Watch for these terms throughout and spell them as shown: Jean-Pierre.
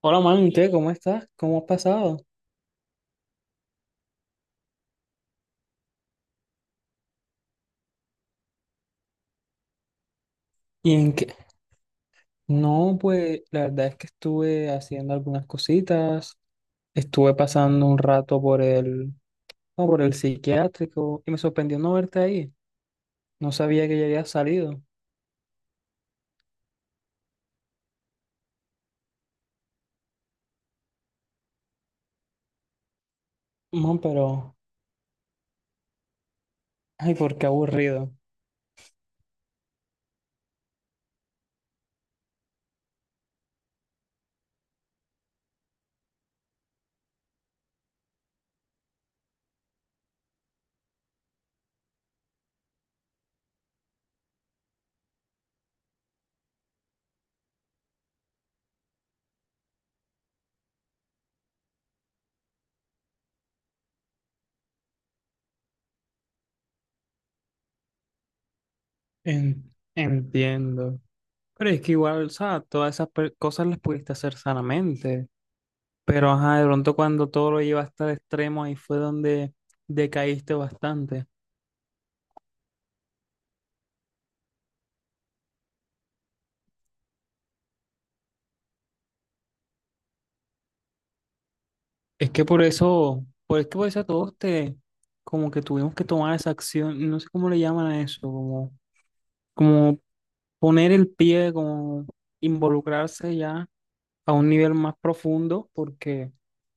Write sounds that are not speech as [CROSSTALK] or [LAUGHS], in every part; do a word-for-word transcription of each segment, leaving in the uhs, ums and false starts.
Hola, man, ¿qué? ¿Cómo estás? ¿Cómo has pasado? ¿Y en qué? No, pues la verdad es que estuve haciendo algunas cositas, estuve pasando un rato por el, no, por el psiquiátrico y me sorprendió no verte ahí. No sabía que ya habías salido. No, pero, ay, por qué aburrido. En- entiendo. Pero es que igual, o sea, todas esas per- cosas las pudiste hacer sanamente. Pero, ajá, de pronto cuando todo lo llevaste al extremo, ahí fue donde decaíste bastante. Es que por eso, por, es que por eso todos te, como que tuvimos que tomar esa acción, no sé cómo le llaman a eso, como, como poner el pie, como involucrarse ya a un nivel más profundo, porque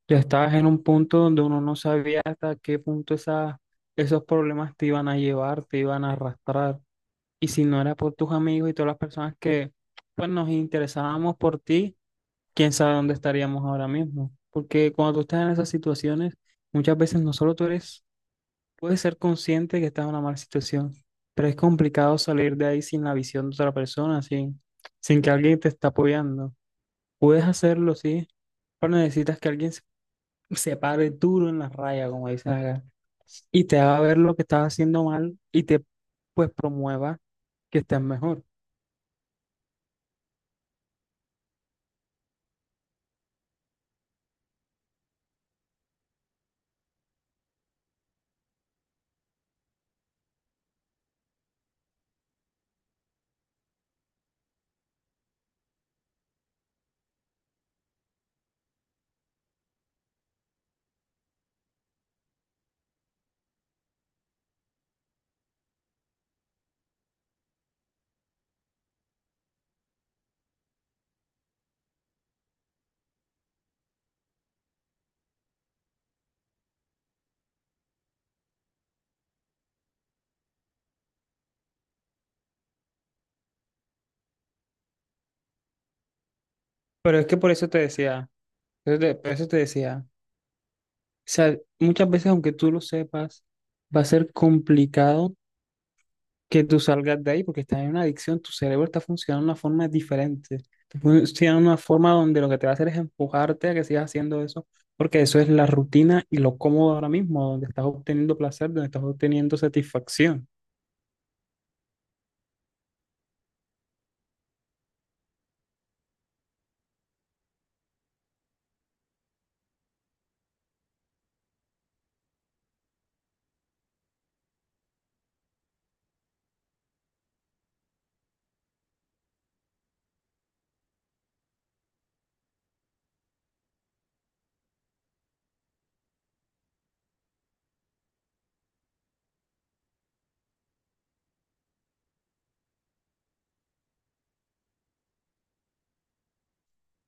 ya estabas en un punto donde uno no sabía hasta qué punto esa, esos problemas te iban a llevar, te iban a arrastrar. Y si no era por tus amigos y todas las personas que, pues, nos interesábamos por ti, quién sabe dónde estaríamos ahora mismo. Porque cuando tú estás en esas situaciones, muchas veces no solo tú eres, puedes ser consciente que estás en una mala situación, pero es complicado salir de ahí sin la visión de otra persona, sin, sin que alguien te está apoyando. Puedes hacerlo, sí, pero necesitas que alguien se, se pare duro en la raya, como dicen acá, y te haga ver lo que estás haciendo mal y te, pues, promueva que estés mejor. Pero es que por eso te decía, por eso te por eso te decía. O sea, muchas veces, aunque tú lo sepas, va a ser complicado que tú salgas de ahí porque estás en una adicción, tu cerebro está funcionando de una forma diferente. Está funcionando de una forma donde lo que te va a hacer es empujarte a que sigas haciendo eso, porque eso es la rutina y lo cómodo ahora mismo, donde estás obteniendo placer, donde estás obteniendo satisfacción.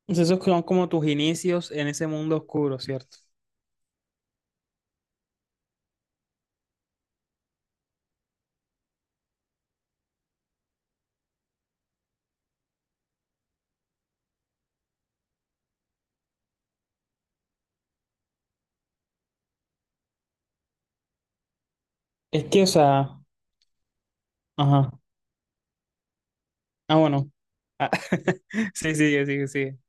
Entonces, esos son como tus inicios en ese mundo oscuro, ¿cierto? Es que, o sea, ajá. Ah, bueno. Ah, [LAUGHS] sí, sigue, sigue, sigue.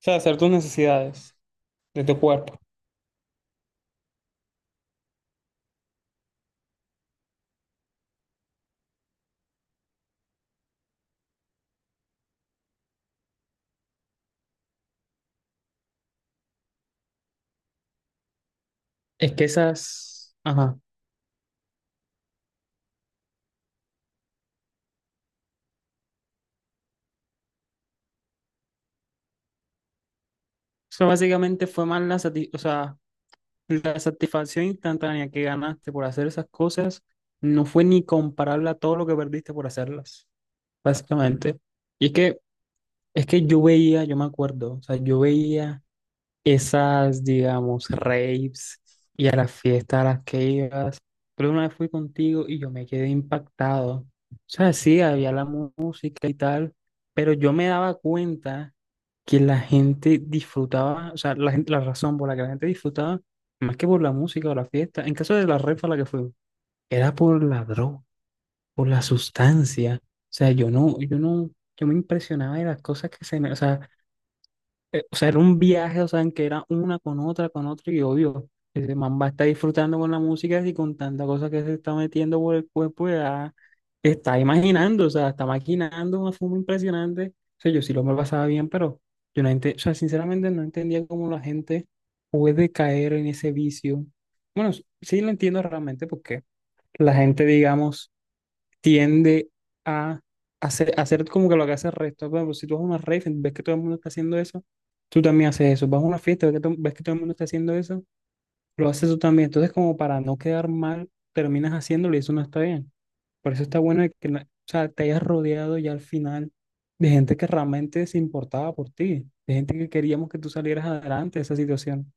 O sea, hacer tus necesidades de tu cuerpo. Es que esas, ajá, eso básicamente fue más la, sati- o sea, la satisfacción instantánea que ganaste por hacer esas cosas, no fue ni comparable a todo lo que perdiste por hacerlas, básicamente. Y es que, es que yo veía, yo me acuerdo, o sea, yo veía esas, digamos, raves y a las fiestas a las que ibas, pero una vez fui contigo y yo me quedé impactado. O sea, sí, había la música y tal, pero yo me daba cuenta que la gente disfrutaba, o sea, la gente- la razón por la que la gente disfrutaba, más que por la música o la fiesta, en caso de la red a la que fue, era por la droga, por la sustancia. O sea, yo no, yo no, yo me impresionaba de las cosas que se me, o sea, eh, o sea, era un viaje, o sea, en que era una con otra, con otra, y obvio, ese man va a estar disfrutando con la música y con tanta cosa que se está metiendo por el cuerpo, ya está imaginando, o sea, está maquinando una forma impresionante. O sea, yo sí lo me lo pasaba bien, pero yo no entendía, o sea, sinceramente no entendía cómo la gente puede caer en ese vicio. Bueno, sí lo entiendo realmente porque la gente, digamos, tiende a hacer, hacer como que lo que hace el resto. Por ejemplo, si tú vas a una rave, ves que todo el mundo está haciendo eso, tú también haces eso. Vas a una fiesta, ves que, to- ves que todo el mundo está haciendo eso, lo haces tú también. Entonces, como para no quedar mal, terminas haciéndolo y eso no está bien. Por eso está bueno que la- o sea, te hayas rodeado ya al final de gente que realmente se importaba por ti, de gente que queríamos que tú salieras adelante de esa situación.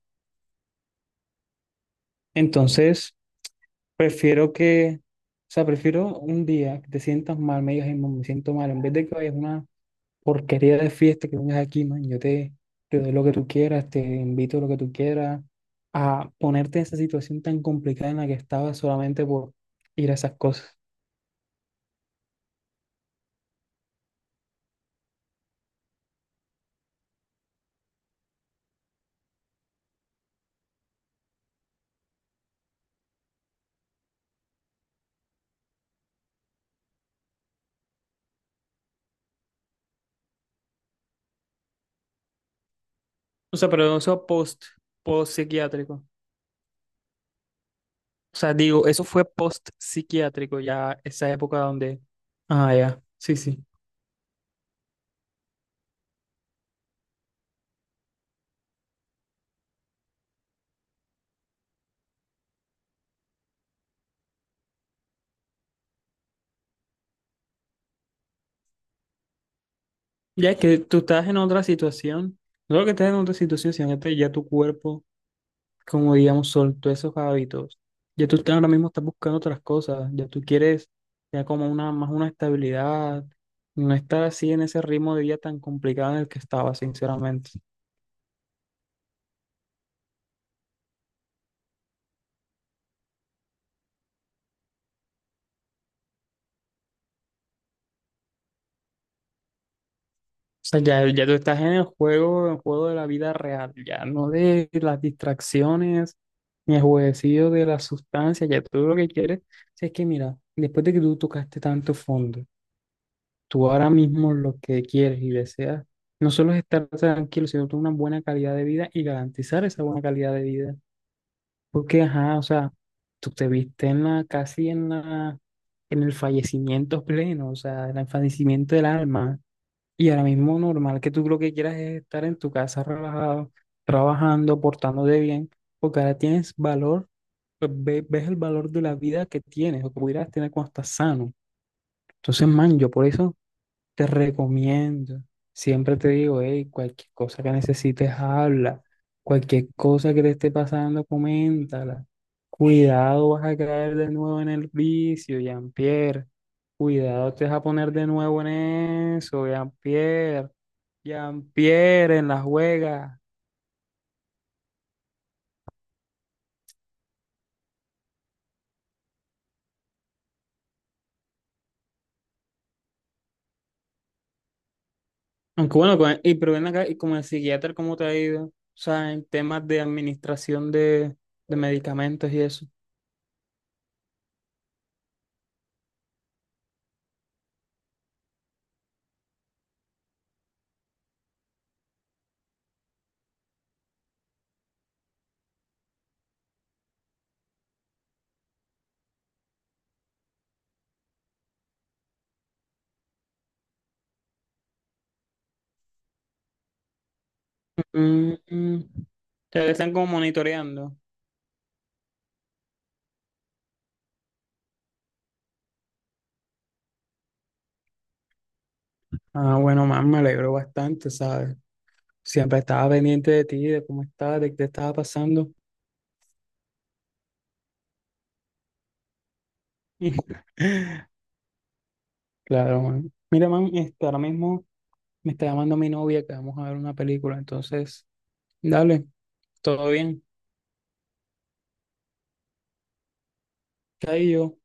Entonces, prefiero que... O sea, prefiero un día que te sientas mal, me digas: "Ay, me siento mal", en vez de que vayas a una porquería de fiesta, que vengas aquí, man. Yo te, te doy lo que tú quieras, te invito a lo que tú quieras, a ponerte en esa situación tan complicada en la que estabas solamente por ir a esas cosas. O sea, pero eso post, post psiquiátrico. O sea, digo, eso fue post psiquiátrico, ya esa época donde. Ah, ya, sí, sí. Ya es que tú estás en otra situación. No lo que estás en otra situación, sino que ya tu cuerpo, como digamos, soltó esos hábitos. Ya tú estás- ahora mismo estás buscando otras cosas, ya tú quieres ya como una, más una estabilidad, no estar así en ese ritmo de vida tan complicado en el que estaba, sinceramente. O sea, ya, ya tú estás en el juego, en el juego de la vida real, ya no de las distracciones, ni el jueguecillo de las sustancias, ya tú lo que quieres, si es que mira, después de que tú tocaste tanto fondo, tú ahora mismo lo que quieres y deseas no solo es estar tranquilo, sino tener una buena calidad de vida y garantizar esa buena calidad de vida. Porque, ajá, o sea, tú te viste en la, casi en la, en el fallecimiento pleno, o sea, en el fallecimiento del alma. Y ahora mismo normal que tú lo que quieras es estar en tu casa relajado, trabajando, portándote bien, porque ahora tienes valor, pues, ve- ves el valor de la vida que tienes o que pudieras tener cuando estás sano. Entonces, man, yo por eso te recomiendo. Siempre te digo, hey, cualquier cosa que necesites, habla. Cualquier cosa que te esté pasando, coméntala. Cuidado, vas a caer de nuevo en el vicio, Jean-Pierre. Cuidado, te vas a poner de nuevo en eso, Jean-Pierre. Jean-Pierre, en la juega. Aunque bueno, con- y, pero ven acá, y como el psiquiatra, ¿cómo te ha ido? O sea, en temas de administración de, de medicamentos y eso. Mm, mm, mm. Te están como monitoreando. Ah, bueno, man, me alegro bastante, ¿sabes? Siempre estaba pendiente de ti, de cómo estabas, de qué te estaba pasando. [LAUGHS] Claro, man. Mira, man, este, ahora mismo me está llamando mi novia que vamos a ver una película, entonces, dale, todo bien. Ahí yo.